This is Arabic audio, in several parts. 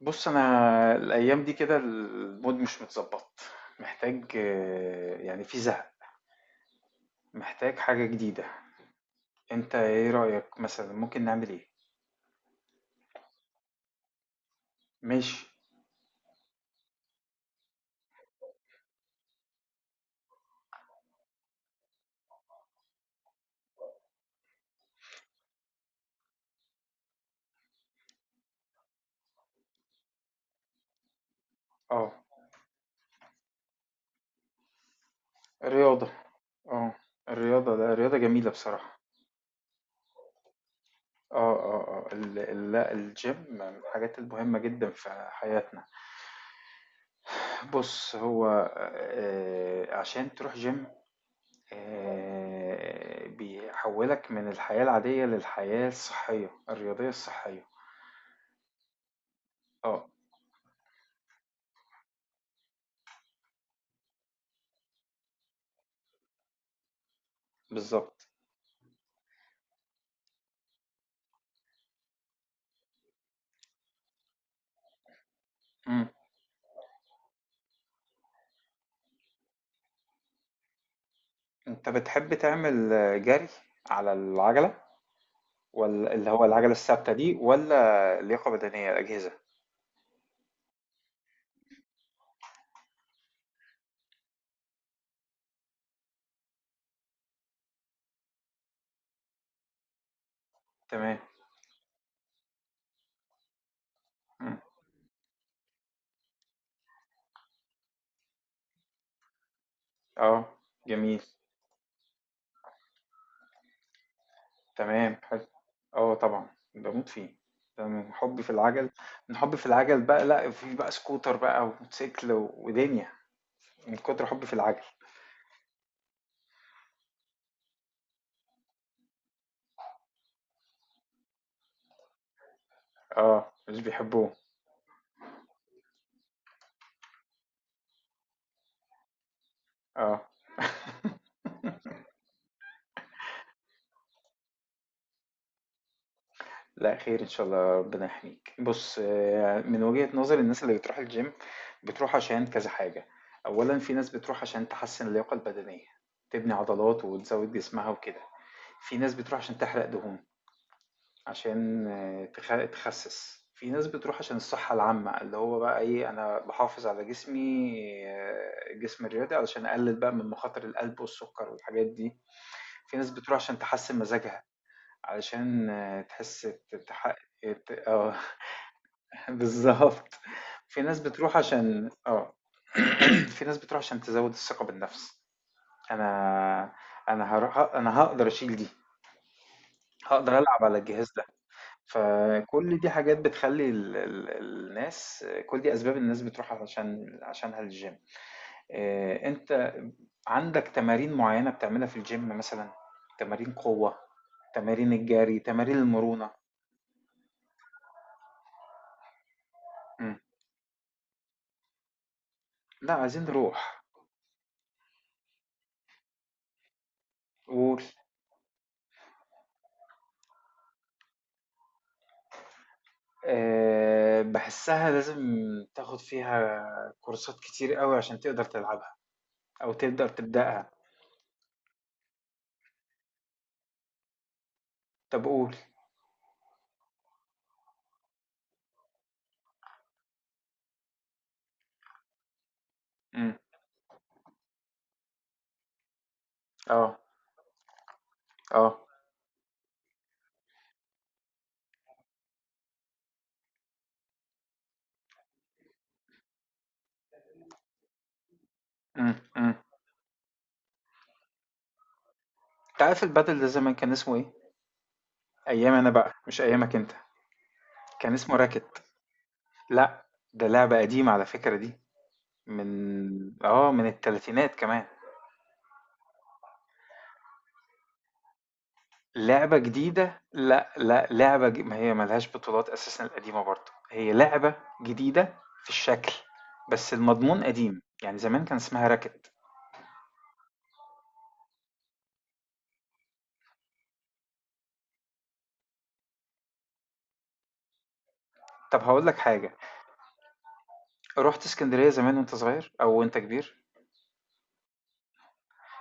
بص، انا الايام دي كده المود مش متظبط. محتاج، يعني في زهق. محتاج حاجة جديدة. انت ايه رأيك؟ مثلا ممكن نعمل ايه؟ ماشي. اه. الرياضة. اه. الرياضة، لا، الرياضة جميلة بصراحة. اه، اه، اه، لا، الجيم من الحاجات المهمة جدا في حياتنا. بص، هو عشان تروح جيم. بيحولك من الحياة العادية للحياة الصحية الرياضية الصحية. اه، بالضبط. إمم. أنت بتحب تعمل جري على العجلة والّا اللي هو العجلة الثابتة دي والّا لياقة بدنية الأجهزة؟ تمام. إمم. آه. جميل. تمام، حلو. آه، طبعًا، باموت فيه. ده من حُبّي في العَجَل. من حُبّي في العَجَل بقى، لأ، في بقى سكوتر بقى وموتوسيكل ودنيا. من كتر حُبّي في العَجَل. آه، مش بيحبّوه. آه. لا، خير ان شاء الله، ربنا يحميك. بص، من وجهة نظر الناس اللي بتروح الجيم، بتروح عشان كذا حاجة. اولا، في ناس بتروح عشان تحسن اللياقة البدنية، تبني عضلات وتزود جسمها وكده. في ناس بتروح عشان تحرق دهون، عشان تخسس. في ناس بتروح عشان الصحة العامة، اللي هو بقى ايه، انا بحافظ على جسمي، الجسم الرياضي، علشان اقلل بقى من مخاطر القلب والسكر والحاجات دي. في ناس بتروح عشان تحسن مزاجها، علشان تحس، تحقق، ت آه بالضبط. في ناس بتروح عشان. في ناس بتروح عشان تزوّد الثقة بالنفس. أنا أنا هاروح، أنا هاقدر أشيل دي، هاقدر ألعب على الجهاز ده. فكل دي حاجات بتخلّي ال ال الناس، كل دي أسباب الناس بتروح عشانها للgym. أنت عندك تمارين معيّنة بتعملها في الgym مثلًا؟ تمارين قوة، تمارين الجري، تمارين المرونة؟ إمم. لأ، عايزين نروح و. باحسّها لازم تاخُد فيها كورسات كتير أوي، عشان تقدر تلعبها أو تقدر تبدأها. طَب قُل. إمم. آه، آه. إمم، إمم. أنت عارف البادل ده زمان كان اسمه إيه؟ أيامي أنا بقى، مش أيامك أنت. كان اسمه راكت. لأ، ده لعبة قديمة على فكرة دي، من من التلاتينات كمان. لعبة جديدة، لأ، لأ، لعبة ما هي ما لهاش بطولات أساسًا، القديمة برضه، هي لعبة جديدة في الشكل، بس المضمون قديم، يعني زمان كان اسمها racket. طب، هاقول لك حاجة، رُحت إسكندرية زمان وأنت صغير أو وأنت كبير؟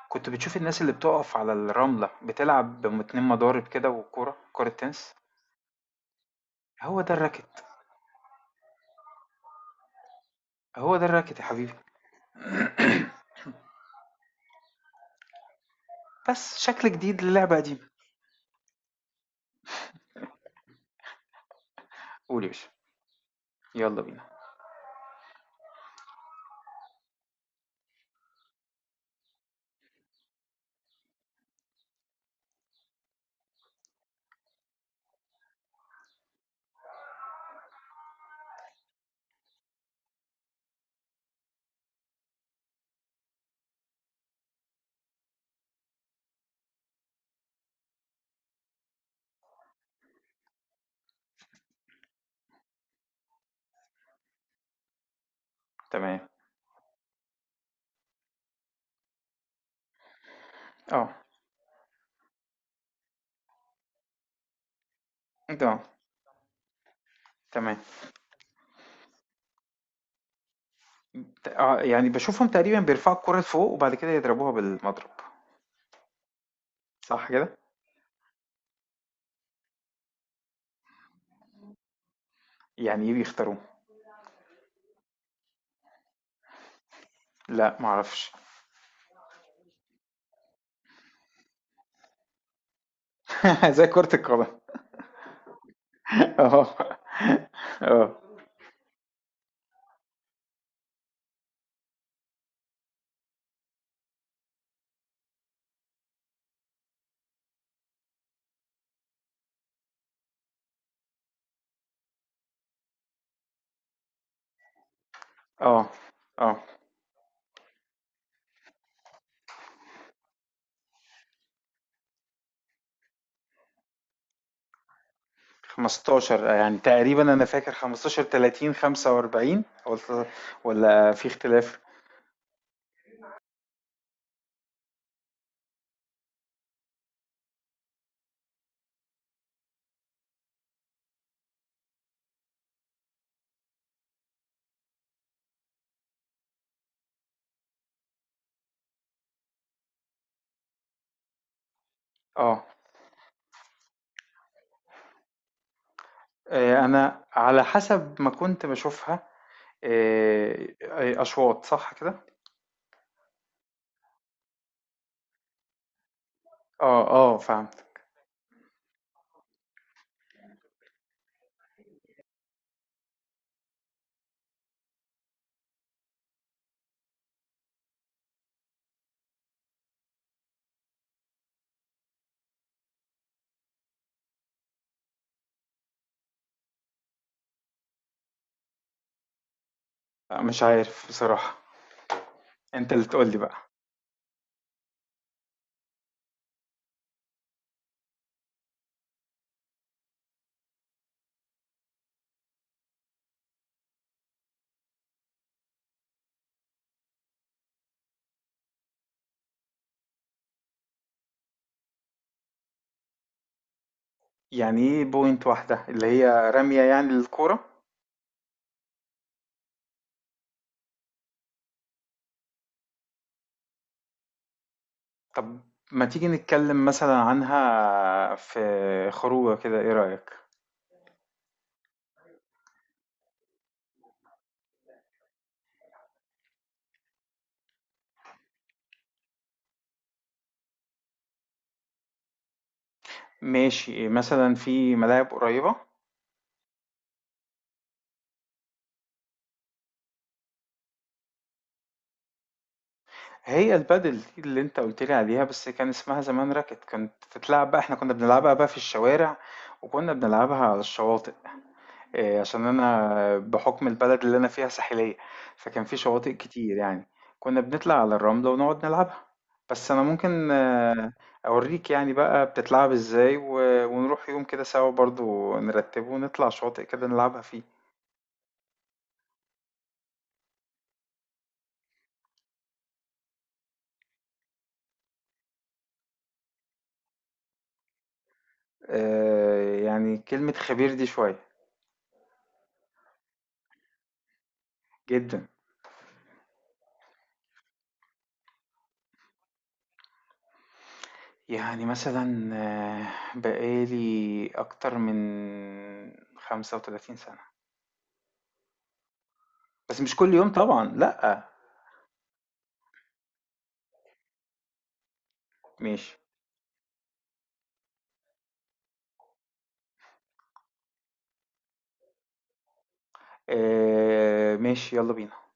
كنت بتشوف الناس اللي بتقف على الرملة بتلعب 2 مضارب كده وكورة، كورة تنس. هو ده الracket، هو ده الracket يا حبيبي، بس شكل جديد للعبة قديمة. قول يا باشا، يلا بينا. تمام. آه، أنت، تمام. اه، يعني بشوفهم تقريبا بيرفعوا الكرة لفوق، وبعد كده يضربوها بالمضرب. صح كده؟ يعني ايه بيختاروه؟ لا، معرفش. زي كرة القدم. اه، اه، اه، اه، 15 يعني تقريبا، انا فاكر 15 30 45، ولا، ولا في اختلاف؟ اه. آه، انا على حسب ما كنت بشوفها، آه، آه، اشواط، صح كده؟ اه، اه، فهمت. مش عارف بصراحة. انت اللي تقول لي بقى. يعني ايه بوينت واحدة؟ اللي هي رمية يعني للكورة. طب، ما تيجي نتكلم مثلا عنها في خروجة كده، ايه رأيك؟ ماشي، مثلا في ملاعب قريبة. هي البادل دي اللي انت قلت لي عليها، بس كان اسمها زمان راكت، كانت تتلعب بقى، احنا كنا بنلعبها بقى في الشوارع، وكنا بنلعبها على الشواطئ. إيه، عشان انا بحكم البلد اللي انا فيها ساحلية. فكان في شواطئ كتير يعني. كنا بنطلع على الرملة ونقعد نلعبها. بس انا ممكن، اوريك يعني بقى بتتلعب ازاي، ونروح يوم كده سوا برضو، نرتبه ونطلع شواطئ كده نلعبها فيه. آه، يعني كلمة خبير دي شوية. جدا. يعني مثلا، بقالي اكتر من 35 سنة. بس مش كل يوم طبعا، لأ. ماشي. آه، ماشي، يلا بينا.